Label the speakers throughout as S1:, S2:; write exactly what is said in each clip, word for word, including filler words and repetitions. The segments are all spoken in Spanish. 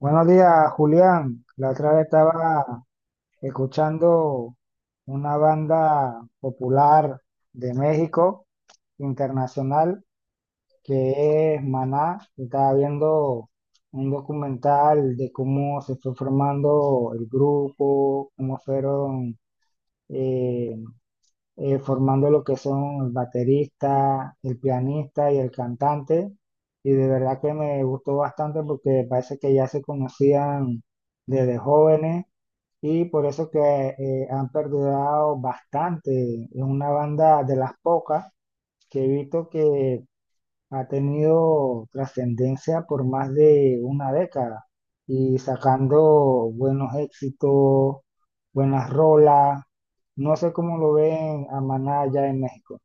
S1: Buenos días, Julián. La otra vez estaba escuchando una banda popular de México, internacional, que es Maná. Y estaba viendo un documental de cómo se fue formando el grupo, cómo fueron eh, eh, formando lo que son el baterista, el pianista y el cantante. Y de verdad que me gustó bastante porque parece que ya se conocían desde jóvenes y por eso que eh, han perdurado bastante. Es una banda de las pocas que he visto que ha tenido trascendencia por más de una década y sacando buenos éxitos, buenas rolas. No sé cómo lo ven a Maná allá en México.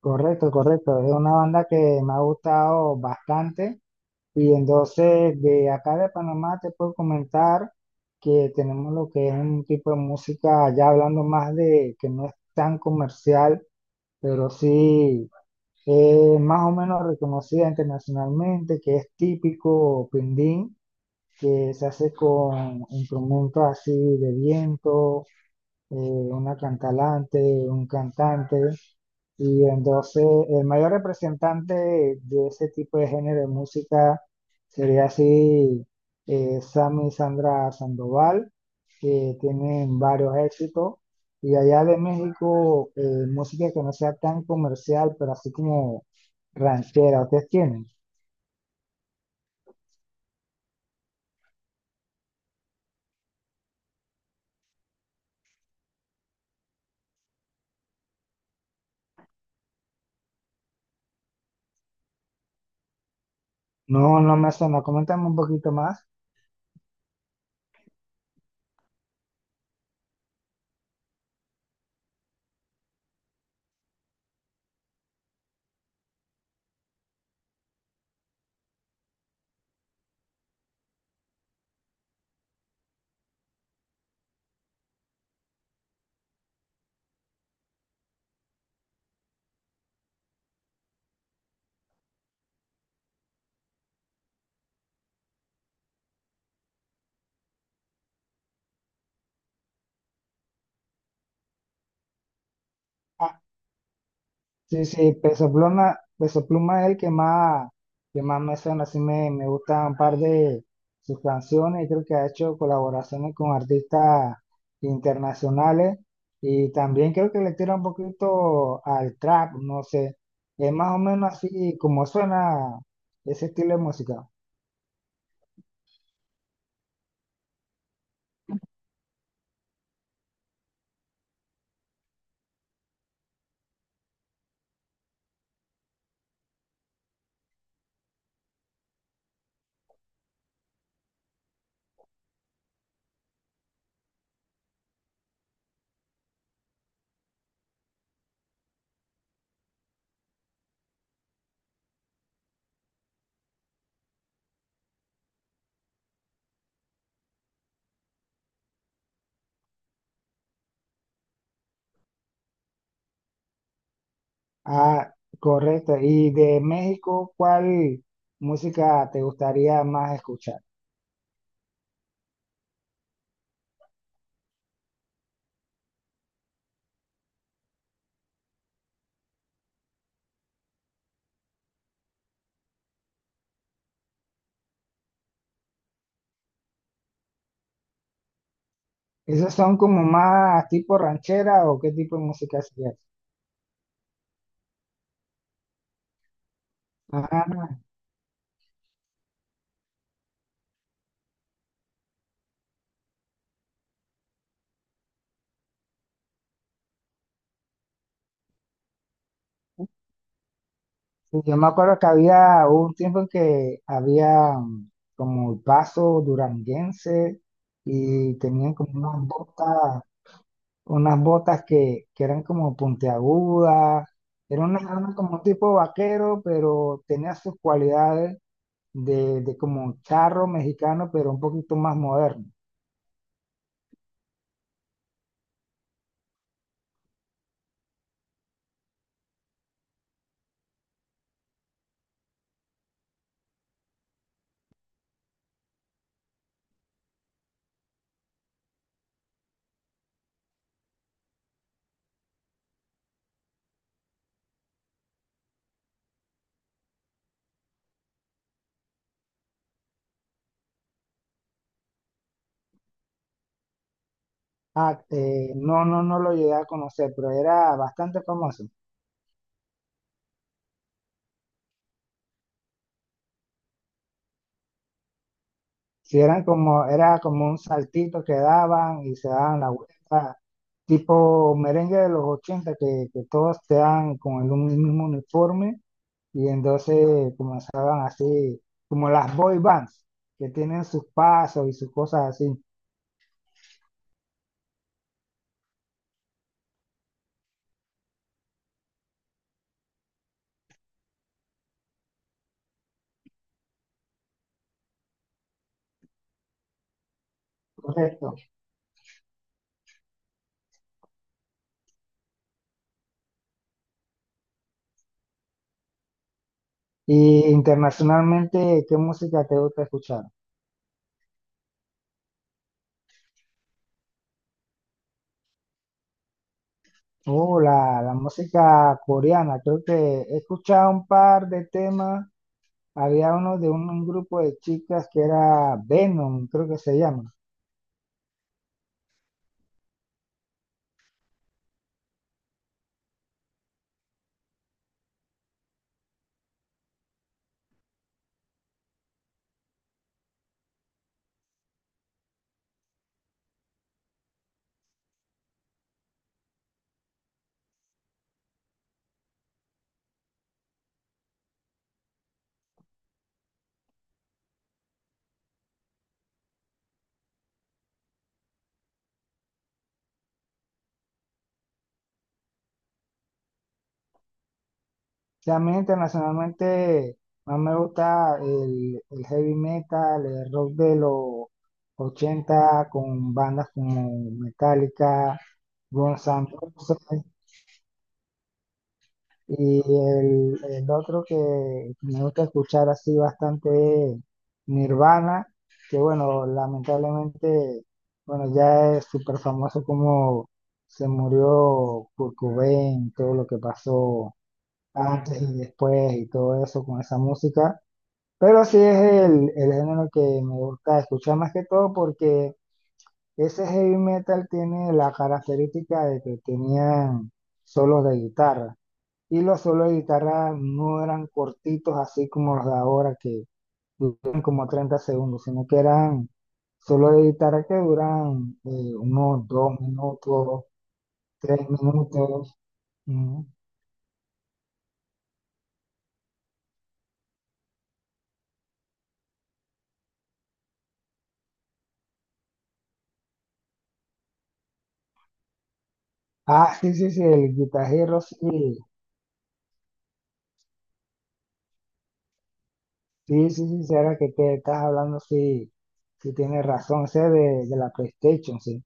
S1: Correcto, correcto. Es una banda que me ha gustado bastante. Y entonces de acá de Panamá te puedo comentar que tenemos lo que es un tipo de música, ya hablando más de que no es tan comercial, pero sí es más o menos reconocida internacionalmente, que es típico pindín, que se hace con instrumentos así de viento, eh, una cantalante, un cantante, y entonces el mayor representante de ese tipo de género de música sería así eh, Sammy y Sandra Sandoval, que tienen varios éxitos. Y allá de México, eh, música que no sea tan comercial, pero así como ranchera, ¿ustedes tienen? No, no me suena, coméntame un poquito más. Sí, sí, Peso Pluma, Peso Pluma es el que más, que más me suena, así me, me gusta un par de sus canciones, creo que ha hecho colaboraciones con artistas internacionales y también creo que le tira un poquito al trap, no sé, es más o menos así como suena ese estilo de música. Ah, correcto, y de México, ¿cuál música te gustaría más escuchar? ¿Esos son como más tipo ranchera o qué tipo de música es? Ah, sí, yo me acuerdo que había hubo un tiempo en que había mm, como el paso duranguense y tenían como unas botas, unas botas que, que eran como puntiagudas, era una, era como un tipo vaquero, pero tenía sus cualidades de, de como un charro mexicano, pero un poquito más moderno. Ah, eh, no, no, no lo llegué a conocer, pero era bastante famoso. Si eran como, era como un saltito que daban y se daban la vuelta, tipo merengue de los ochenta que, que todos te dan con el un- mismo uniforme y entonces comenzaban así, como las boy bands, que tienen sus pasos y sus cosas así, correcto. Y internacionalmente, ¿qué música te gusta escuchar? Oh, la, la música coreana, creo que he escuchado un par de temas. Había uno de un, un grupo de chicas que era Venom, creo que se llama. También internacionalmente, más me gusta el, el heavy metal, el rock de los ochenta con bandas como Metallica, Guns N' Roses. Y el, el otro que me gusta escuchar así bastante es Nirvana, que bueno, lamentablemente, bueno, ya es súper famoso como se murió Kurt Cobain, todo lo que pasó antes y después y todo eso con esa música. Pero sí es el, el género que me gusta escuchar más que todo porque ese heavy metal tiene la característica de que tenían solos de guitarra. Y los solos de guitarra no eran cortitos así como los de ahora que duran como treinta segundos, sino que eran solos de guitarra que duran eh, unos dos minutos, tres minutos. ¿No? Ah, sí, sí, sí, el guitarrero sí, sí, sí, sí, sí, ahora que te estás hablando, sí, sí tienes razón, ese de, de la PlayStation, sí.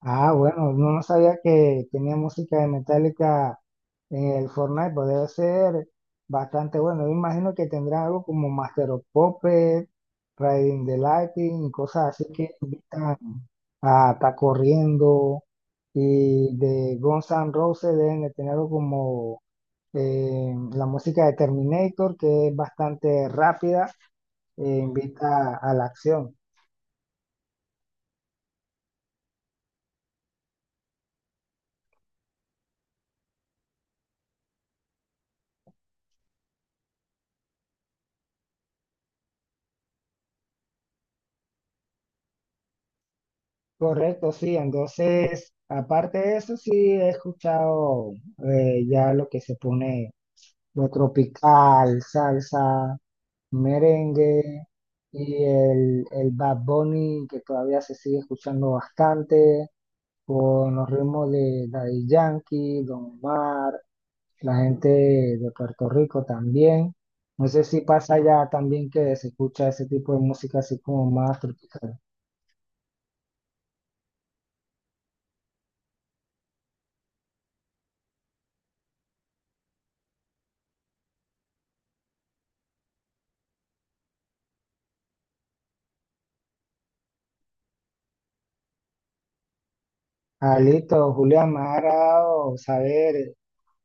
S1: Ah, bueno, no, no sabía que tenía música de Metallica en el Fortnite, pues debe ser bastante bueno. Yo imagino que tendrá algo como Master of Puppets, Riding the Lightning, y cosas así que invitan a estar corriendo. Y de Guns N' Roses deben de tener algo como eh, la música de Terminator, que es bastante rápida e invita a la acción. Correcto, sí. Entonces, aparte de eso, sí he escuchado eh, ya lo que se pone, lo tropical, salsa, merengue y el, el Bad Bunny que todavía se sigue escuchando bastante con los ritmos de Daddy Yankee, Don Omar, la gente de Puerto Rico también. No sé si pasa ya también que se escucha ese tipo de música así como más tropical. Ah, listo, Julián, me ha agradado saber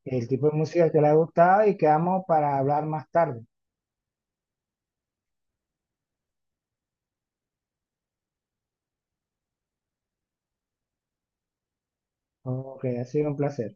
S1: el tipo de música que le ha gustado y quedamos para hablar más tarde. Ok, ha sido un placer.